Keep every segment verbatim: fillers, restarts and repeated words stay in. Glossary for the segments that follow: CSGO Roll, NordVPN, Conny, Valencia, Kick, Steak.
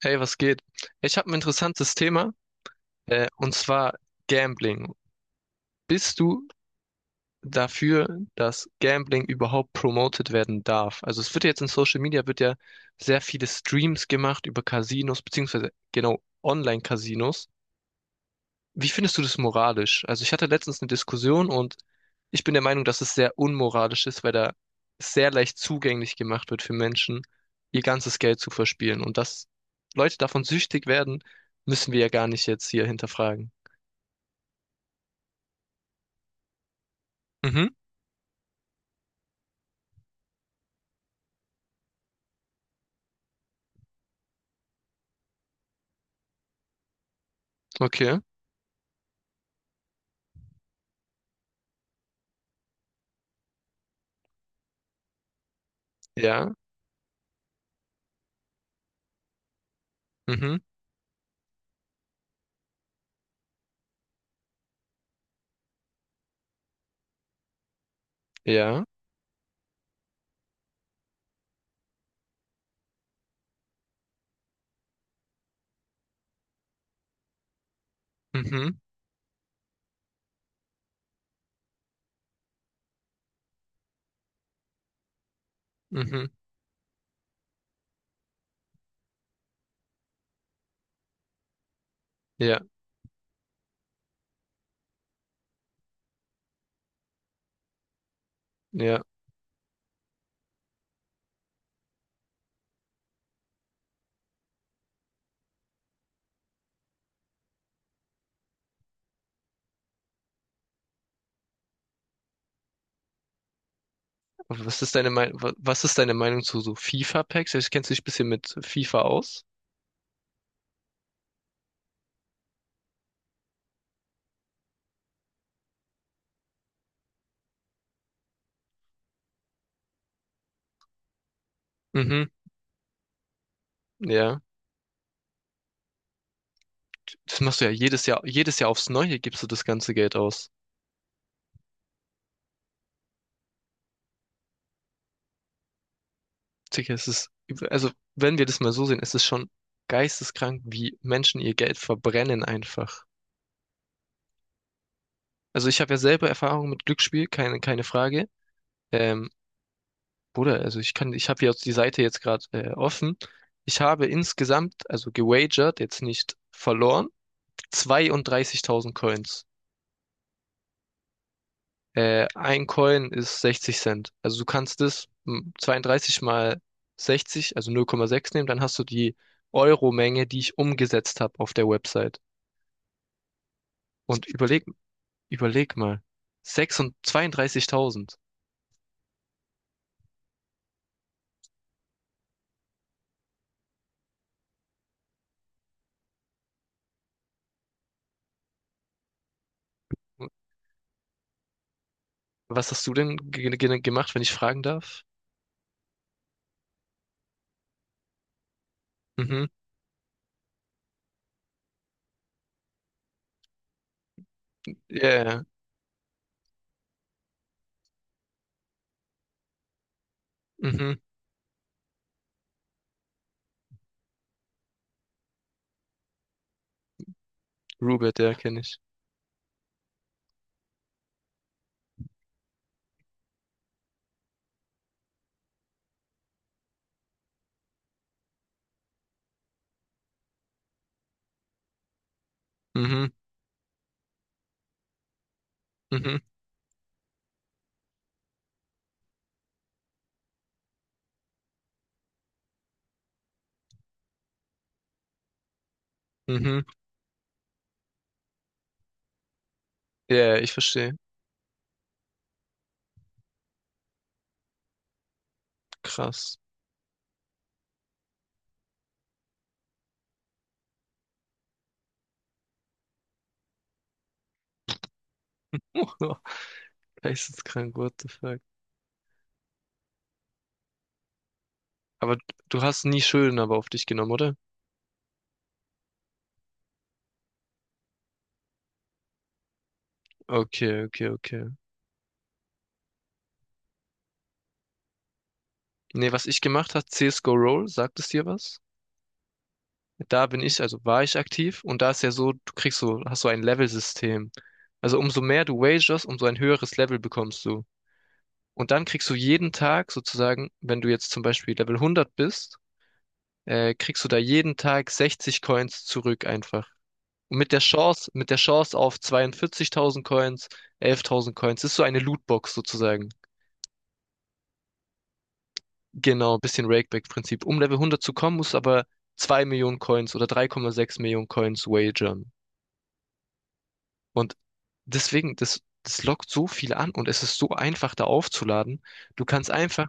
Hey, was geht? Ich habe ein interessantes Thema, äh, und zwar Gambling. Bist du dafür, dass Gambling überhaupt promoted werden darf? Also es wird ja jetzt in Social Media wird ja sehr viele Streams gemacht über Casinos, beziehungsweise genau Online-Casinos. Wie findest du das moralisch? Also ich hatte letztens eine Diskussion und ich bin der Meinung, dass es sehr unmoralisch ist, weil da sehr leicht zugänglich gemacht wird für Menschen, ihr ganzes Geld zu verspielen. Und dass Leute davon süchtig werden, müssen wir ja gar nicht jetzt hier hinterfragen. Mhm, okay. Ja, mhm, ja, mhm, mhm, ja, ja. Was ist deine Meinung, was ist deine Meinung zu so FIFA-Packs? Ich Kennst du dich ein bisschen mit FIFA aus? Mhm, ja. Das machst du ja jedes Jahr, jedes Jahr aufs Neue gibst du das ganze Geld aus. Sicher, es ist, also wenn wir das mal so sehen, es ist schon geisteskrank, wie Menschen ihr Geld verbrennen einfach. Also ich habe ja selber Erfahrung mit Glücksspiel, keine, keine Frage. Ähm, Bruder, also ich kann, ich habe hier jetzt die Seite jetzt gerade äh, offen. Ich habe insgesamt, also gewagert, jetzt nicht verloren, zweiunddreißigtausend Coins. Äh, ein Coin ist sechzig Cent. Also du kannst das m, zweiunddreißig mal sechzig, also null Komma sechs nehmen, dann hast du die Euro-Menge, die ich umgesetzt habe auf der Website. Und überleg, überleg mal, sechsunddreißig zweiunddreißigtausend. Was hast du denn ge ge gemacht, wenn ich fragen darf? Mhm. Ja, ja. Mhm. Rubert, ja, kenne ich. Mhm, mhm, mhm. Ja, ja, ich verstehe. Krass. Geisteskrank, what the fuck. Aber du hast nie Schulden aber auf dich genommen, oder? Okay, okay, okay. Nee, was ich gemacht habe, C S G O Roll, sagt es dir was? Da bin ich, also war ich aktiv und da ist ja so, du kriegst so, hast so ein Level-System. Also umso mehr du wagerst, umso ein höheres Level bekommst du. Und dann kriegst du jeden Tag sozusagen, wenn du jetzt zum Beispiel Level hundert bist, äh, kriegst du da jeden Tag sechzig Coins zurück einfach. Und mit der Chance, mit der Chance auf zweiundvierzigtausend Coins, elftausend Coins, das ist so eine Lootbox sozusagen. Genau, bisschen Rakeback-Prinzip. Um Level hundert zu kommen, musst du aber zwei Millionen Coins oder drei Komma sechs Millionen Coins wagern. Und deswegen, das, das lockt so viele an und es ist so einfach, da aufzuladen. Du kannst einfach,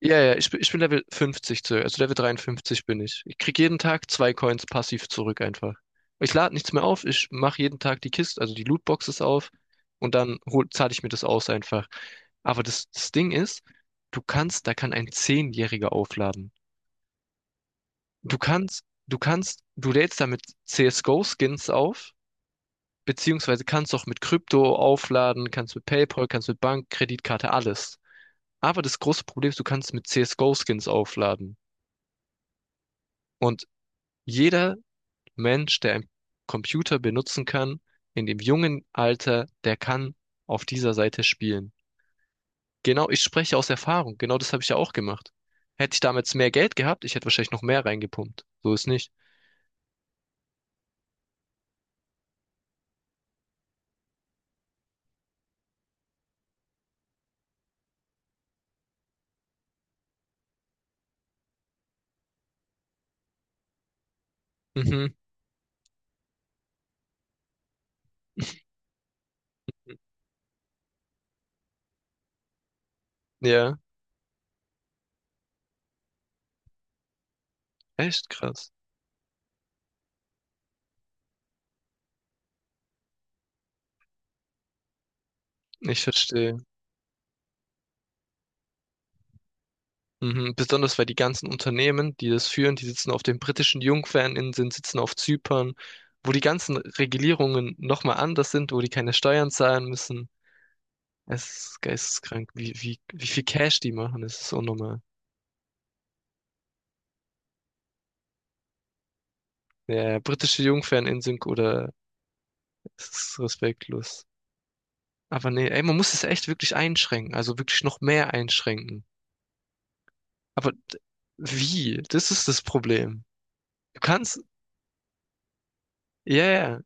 ja, ja, ich, bin- ich bin Level fünfzig, zu- also Level dreiundfünfzig bin ich. Ich krieg jeden Tag zwei Coins passiv zurück einfach. Ich lade nichts mehr auf, ich mache jeden Tag die Kiste, also die Lootboxes auf und dann hol, zahle ich mir das aus einfach. Aber das, das Ding ist, du kannst, da kann ein Zehnjähriger aufladen. Du kannst, du kannst, du lädst damit C S G O-Skins auf, beziehungsweise kannst auch mit Krypto aufladen, kannst mit PayPal, kannst mit Bank, Kreditkarte, alles. Aber das große Problem ist, du kannst mit C S G O-Skins aufladen. Und jeder Mensch, der einen Computer benutzen kann, in dem jungen Alter, der kann auf dieser Seite spielen. Genau, ich spreche aus Erfahrung. Genau das habe ich ja auch gemacht. Hätte ich damals mehr Geld gehabt, ich hätte wahrscheinlich noch mehr reingepumpt. So ist nicht. Mhm. Ja, echt krass. Ich verstehe. Mhm. Besonders weil die ganzen Unternehmen, die das führen, die sitzen auf den britischen Jungferninseln, sitzen auf Zypern, wo die ganzen Regulierungen nochmal anders sind, wo die keine Steuern zahlen müssen. Es ist geisteskrank, wie, wie, wie viel Cash die machen. Es ist unnormal. Ja, britische Jungferninseln oder es ist respektlos. Aber nee, ey, man muss es echt wirklich einschränken, also wirklich noch mehr einschränken. Aber d- wie? Das ist das Problem. Du kannst, ja, ja.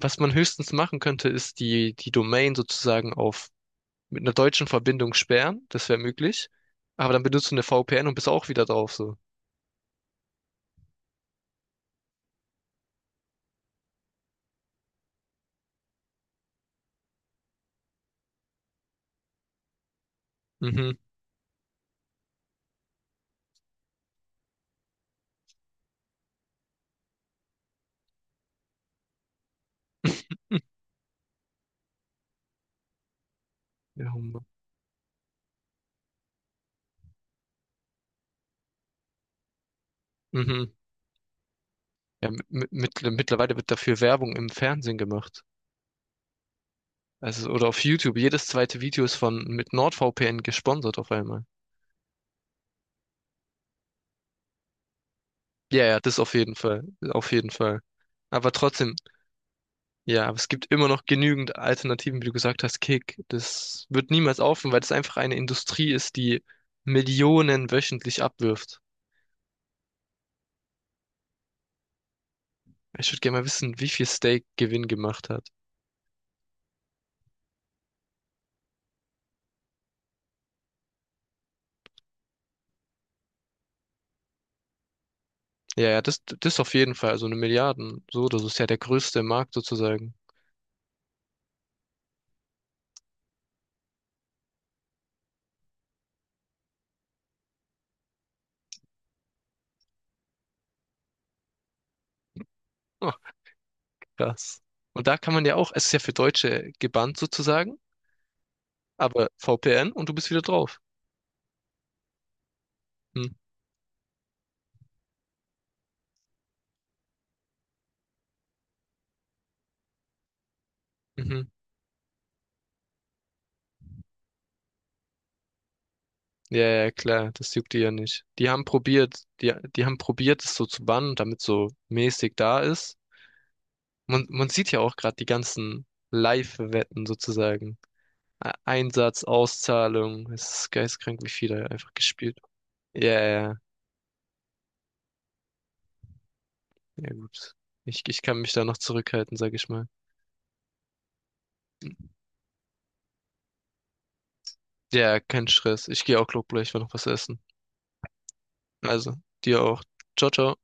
Was man höchstens machen könnte, ist die, die Domain sozusagen auf mit einer deutschen Verbindung sperren. Das wäre möglich. Aber dann benutzt du eine V P N und bist auch wieder drauf so. Mhm. Ja, Hummer. Mhm. Ja, mit, mit, mittlerweile wird dafür Werbung im Fernsehen gemacht. Also, oder auf YouTube. Jedes zweite Video ist von mit NordVPN gesponsert auf einmal. Ja, ja, das auf jeden Fall. Auf jeden Fall. Aber trotzdem, ja, aber es gibt immer noch genügend Alternativen, wie du gesagt hast, Kick. Das wird niemals aufhören, weil das einfach eine Industrie ist, die Millionen wöchentlich abwirft. Ich würde gerne mal wissen, wie viel Steak Gewinn gemacht hat. Ja, ja, das, das auf jeden Fall, also eine Milliarden. So, das ist ja der größte Markt sozusagen. Oh, krass. Und da kann man ja auch, es ist ja für Deutsche gebannt sozusagen, aber V P N und du bist wieder drauf. Hm. Mhm. Ja, ja, klar, das juckt die ja nicht. Die haben probiert, die, die haben probiert, es so zu bannen, damit so mäßig da ist. Man, man sieht ja auch gerade die ganzen Live-Wetten sozusagen. E- Einsatz, Auszahlung, es ist geisteskrank, wie viel da einfach gespielt. Ja, ja, ja, ja, gut. Ich, ich kann mich da noch zurückhalten, sag ich mal. Ja, kein Stress. Ich gehe auch, glaub gleich mal noch was essen. Also, dir auch. Ciao, ciao.